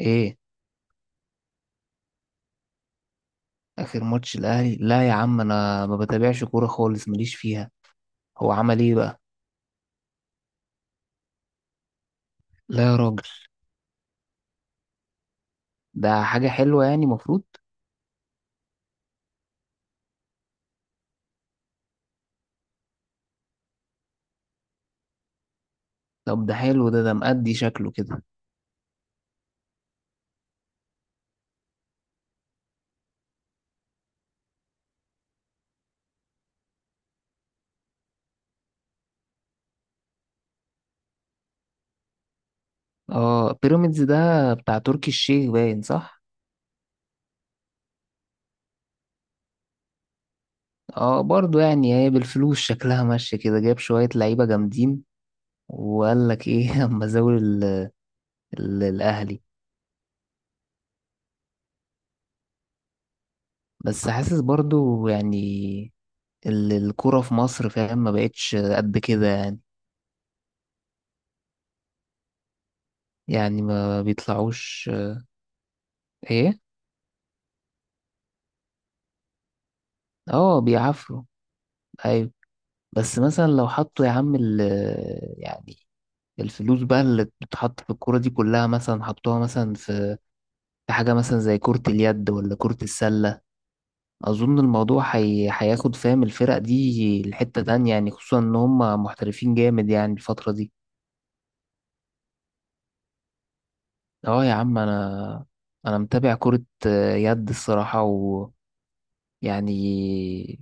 ايه. اخر ماتش الاهلي؟ لا يا عم، انا ما بتابعش كوره خالص، ماليش فيها. هو عمل ايه بقى؟ لا يا راجل. ده حاجه حلوه يعني، مفروض. طب ده حلو، ده مأدي شكله كده. اه بيراميدز ده بتاع تركي الشيخ، باين صح. اه برضو يعني هي بالفلوس شكلها ماشيه كده، جاب شويه لعيبه جامدين. وقال لك ايه؟ اما زاول الاهلي. بس حاسس برضو يعني الكوره في مصر، فاهم، ما بقتش قد كده يعني. يعني ما بيطلعوش. ايه. اه بيعافروا. ايوه. بس مثلا لو حطوا يا عم ال، يعني الفلوس بقى اللي بتتحط في الكورة دي كلها، مثلا حطوها مثلا في حاجة مثلا زي كرة اليد ولا كرة السلة. أظن الموضوع هياخد، فاهم، الفرق دي لحتة تانية يعني، خصوصا إن هم محترفين جامد يعني الفترة دي. اه يا عم. أنا متابع كرة يد الصراحة، ويعني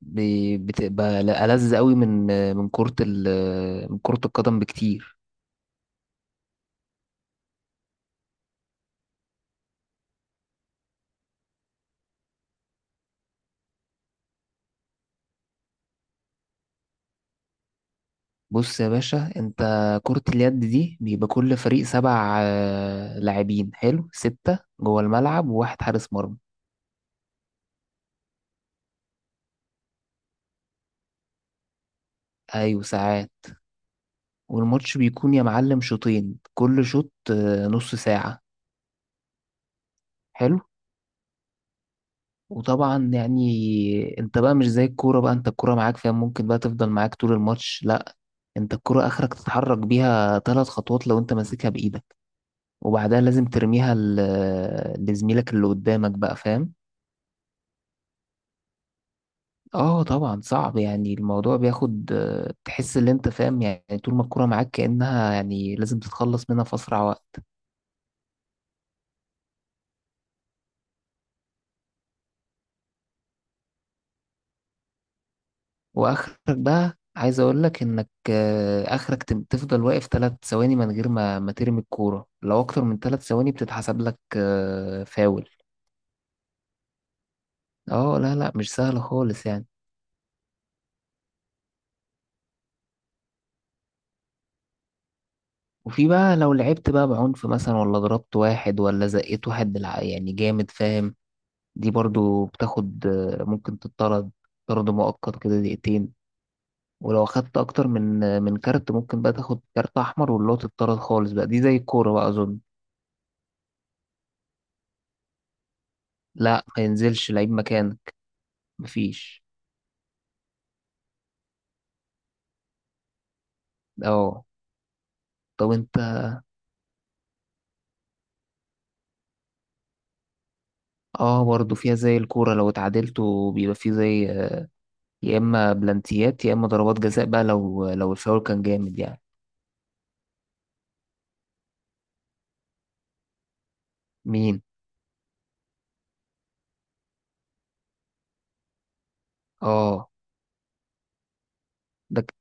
بتبقى ألذ قوي من كرة من كرة القدم بكتير. بص يا باشا، انت كرة اليد دي بيبقى كل فريق سبع، لاعبين، حلو، ستة جوه الملعب وواحد حارس مرمى. ايوه ساعات. والماتش بيكون يا معلم شوطين، كل شوط نص ساعة. حلو. وطبعا يعني انت بقى مش زي الكورة بقى، انت الكورة معاك فيها ممكن بقى تفضل معاك طول الماتش، لا، انت الكورة اخرك تتحرك بيها ثلاث خطوات لو انت ماسكها بايدك، وبعدها لازم ترميها لزميلك اللي قدامك بقى، فاهم. اه طبعا صعب يعني، الموضوع بياخد، تحس ان انت فاهم يعني، طول ما الكرة معاك كأنها يعني لازم تتخلص منها في اسرع وقت. واخرك بقى عايز اقول لك انك، اخرك تفضل واقف ثلاث ثواني من غير ما ترمي الكورة، لو اكتر من ثلاث ثواني بتتحسب لك فاول. اه لا لا، مش سهل خالص يعني. وفي بقى لو لعبت بقى بعنف مثلا، ولا ضربت واحد، ولا زقيت واحد يعني جامد، فاهم، دي برضو بتاخد، ممكن تطرد، طرد مؤقت كده دقيقتين. ولو اخدت اكتر من كارت، ممكن بقى تاخد كارت احمر، واللي هو تتطرد خالص بقى، دي زي الكوره بقى اظن. لا ما ينزلش لعيب مكانك. مفيش. اه. طب انت. اه برضه فيها زي الكوره، لو اتعادلتوا بيبقى فيه زي يا اما بلانتيات يا اما ضربات جزاء بقى، لو الفاول كان جامد يعني. مين؟ اه. ده ك-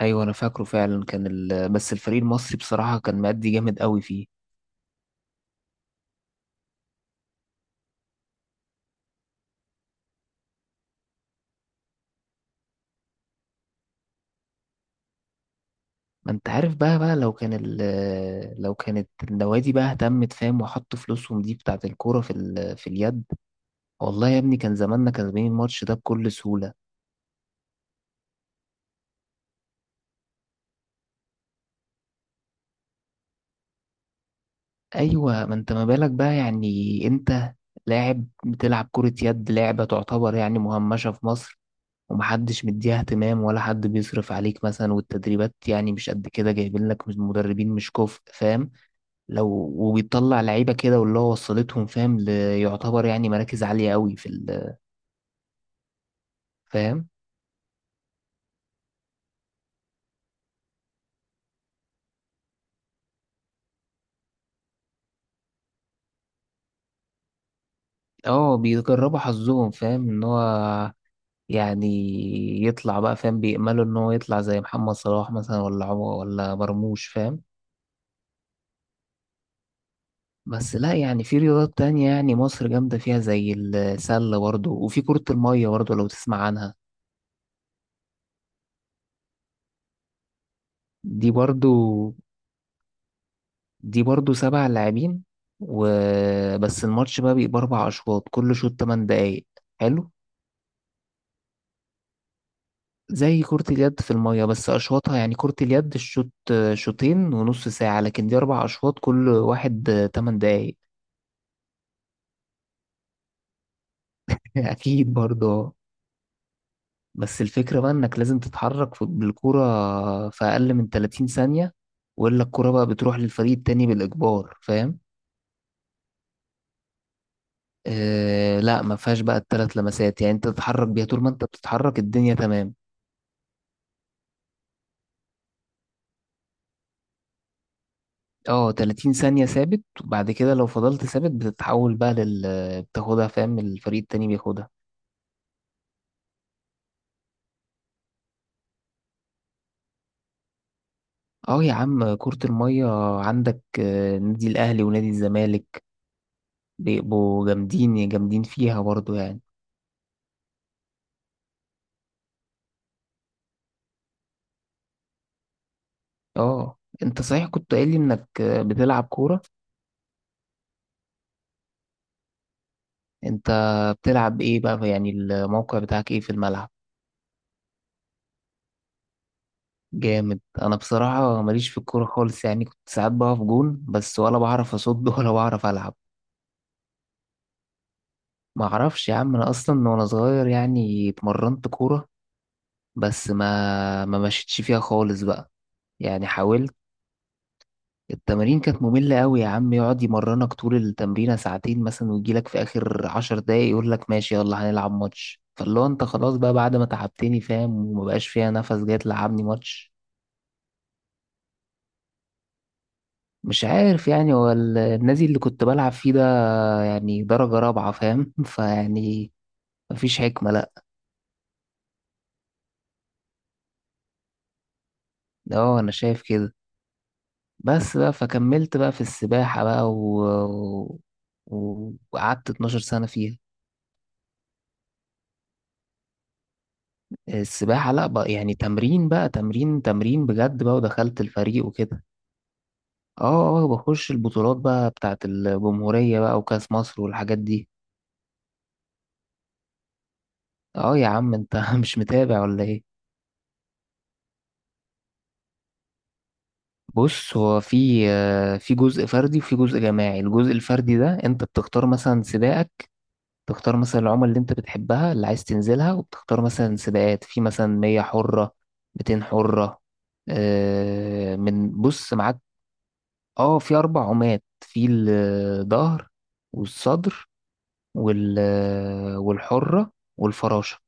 ايوه انا فاكره فعلا، كان بس الفريق المصري بصراحه كان مادي جامد قوي فيه. ما انت عارف بقى بقى، لو كانت النوادي بقى اهتمت فاهم، وحطوا فلوسهم دي بتاعت الكورة في في اليد، والله يا ابني كان زماننا كسبانين الماتش ده بكل سهولة. ايوه، ما انت ما بالك بقى يعني، انت لاعب بتلعب كرة يد، لعبة تعتبر يعني مهمشة في مصر، ومحدش مديها اهتمام، ولا حد بيصرف عليك مثلا، والتدريبات يعني مش قد كده، جايبين لك مدربين مش كفء، فاهم، لو. وبيطلع لعيبة كده واللي هو وصلتهم فاهم، ليعتبر يعني مراكز عالية قوي في فاهم. اه بيجربوا حظهم فاهم ان هو يعني يطلع بقى، فاهم، بيأملوا ان هو يطلع زي محمد صلاح مثلا، ولا عمر، ولا مرموش، فاهم. بس لا يعني في رياضات تانية يعني مصر جامدة فيها، زي السلة برضو، وفي كرة المية برضو لو تسمع عنها. دي برضو دي برضو سبع لاعبين وبس. الماتش بقى بيبقى أربع أشواط، كل شوط تمن دقايق. حلو. زي كرة اليد في المية، بس أشواطها يعني كرة اليد الشوط شوطين ونص ساعة، لكن دي أربع أشواط كل واحد تمن دقايق. أكيد برضه. بس الفكرة بقى إنك لازم تتحرك بالكرة في أقل من 30 ثانية، وإلا الكرة بقى بتروح للفريق التاني بالإجبار، فاهم؟ آه لا، ما فيهاش بقى التلات لمسات يعني، أنت تتحرك بيها طول ما أنت بتتحرك الدنيا تمام. اه، 30 ثانية ثابت، وبعد كده لو فضلت ثابت بتتحول بقى لل، بتاخدها فاهم، الفريق التاني بياخدها. اه يا عم كرة المية، عندك نادي الأهلي ونادي الزمالك، بيبقوا جامدين جامدين فيها برضو يعني. اه، انت صحيح كنت قايل لي انك بتلعب كورة. انت بتلعب ايه بقى يعني؟ الموقع بتاعك ايه في الملعب؟ جامد. انا بصراحة ماليش في الكورة خالص يعني، كنت ساعات بقف جون بس، ولا بعرف اصد ولا بعرف العب. ما اعرفش يا عم، انا اصلا وانا صغير يعني اتمرنت كورة، بس ما مشيتش فيها خالص بقى. يعني حاولت. التمارين كانت مملة قوي يا عم، يقعد يمرنك طول التمرينة ساعتين مثلا، ويجيلك في آخر عشر دقايق يقول لك ماشي يلا هنلعب ماتش، فاللي هو انت خلاص بقى بعد ما تعبتني فاهم، ومبقاش فيها نفس جاي تلعبني ماتش. مش عارف يعني، هو النادي اللي كنت بلعب فيه ده يعني درجة رابعة فاهم، فيعني مفيش حكمة لأ. اه أنا شايف كده. بس بقى فكملت بقى في السباحة بقى وقعدت 12 سنة فيها. السباحة لا بقى يعني تمرين بقى، تمرين تمرين بجد بقى، ودخلت الفريق وكده. اه اه، بخش البطولات بقى بتاعت الجمهورية بقى، وكأس مصر والحاجات دي. اه يا عم انت مش متابع ولا ايه؟ بص، هو في في جزء فردي وفي جزء جماعي. الجزء الفردي ده انت بتختار مثلا سباقك، تختار مثلا العمل اللي انت بتحبها اللي عايز تنزلها، وبتختار مثلا سباقات في مثلا 100 حرة، 200 حرة، من، بص معاك. اه، في اربع عمات، في الظهر، والصدر، وال والحرة، والفراشة.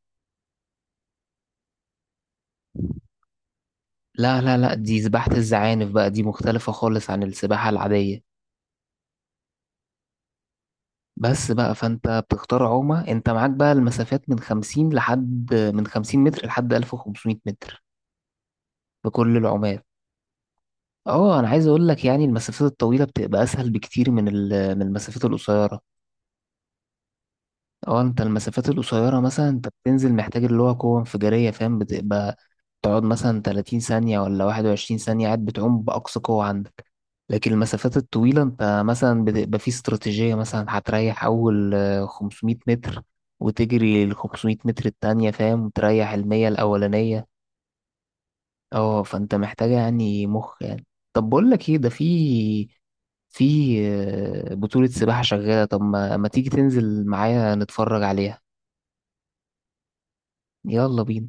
لا لا لا، دي سباحة الزعانف بقى، دي مختلفة خالص عن السباحة العادية. بس بقى فانت بتختار عومة، انت معاك بقى المسافات من خمسين، لحد خمسين متر لحد ألف وخمسمية متر، في كل العومات. اه انا عايز اقول لك يعني، المسافات الطويلة بتبقى اسهل بكتير من من المسافات القصيرة. اه، انت المسافات القصيرة مثلا انت بتنزل محتاج اللي هو قوة انفجارية، فاهم، بتبقى تقعد مثلا 30 ثانية ولا 21 ثانية قاعد بتعوم بأقصى قوة عندك. لكن المسافات الطويلة انت مثلا بتبقى في استراتيجية، مثلا هتريح أول، 500 متر، وتجري ال 500 متر التانية فاهم، وتريح المية الأولانية. اه فانت محتاجة يعني مخ يعني. طب بقول لك ايه، ده في في بطولة سباحة شغالة، طب ما تيجي تنزل معايا نتفرج عليها. يلا بينا.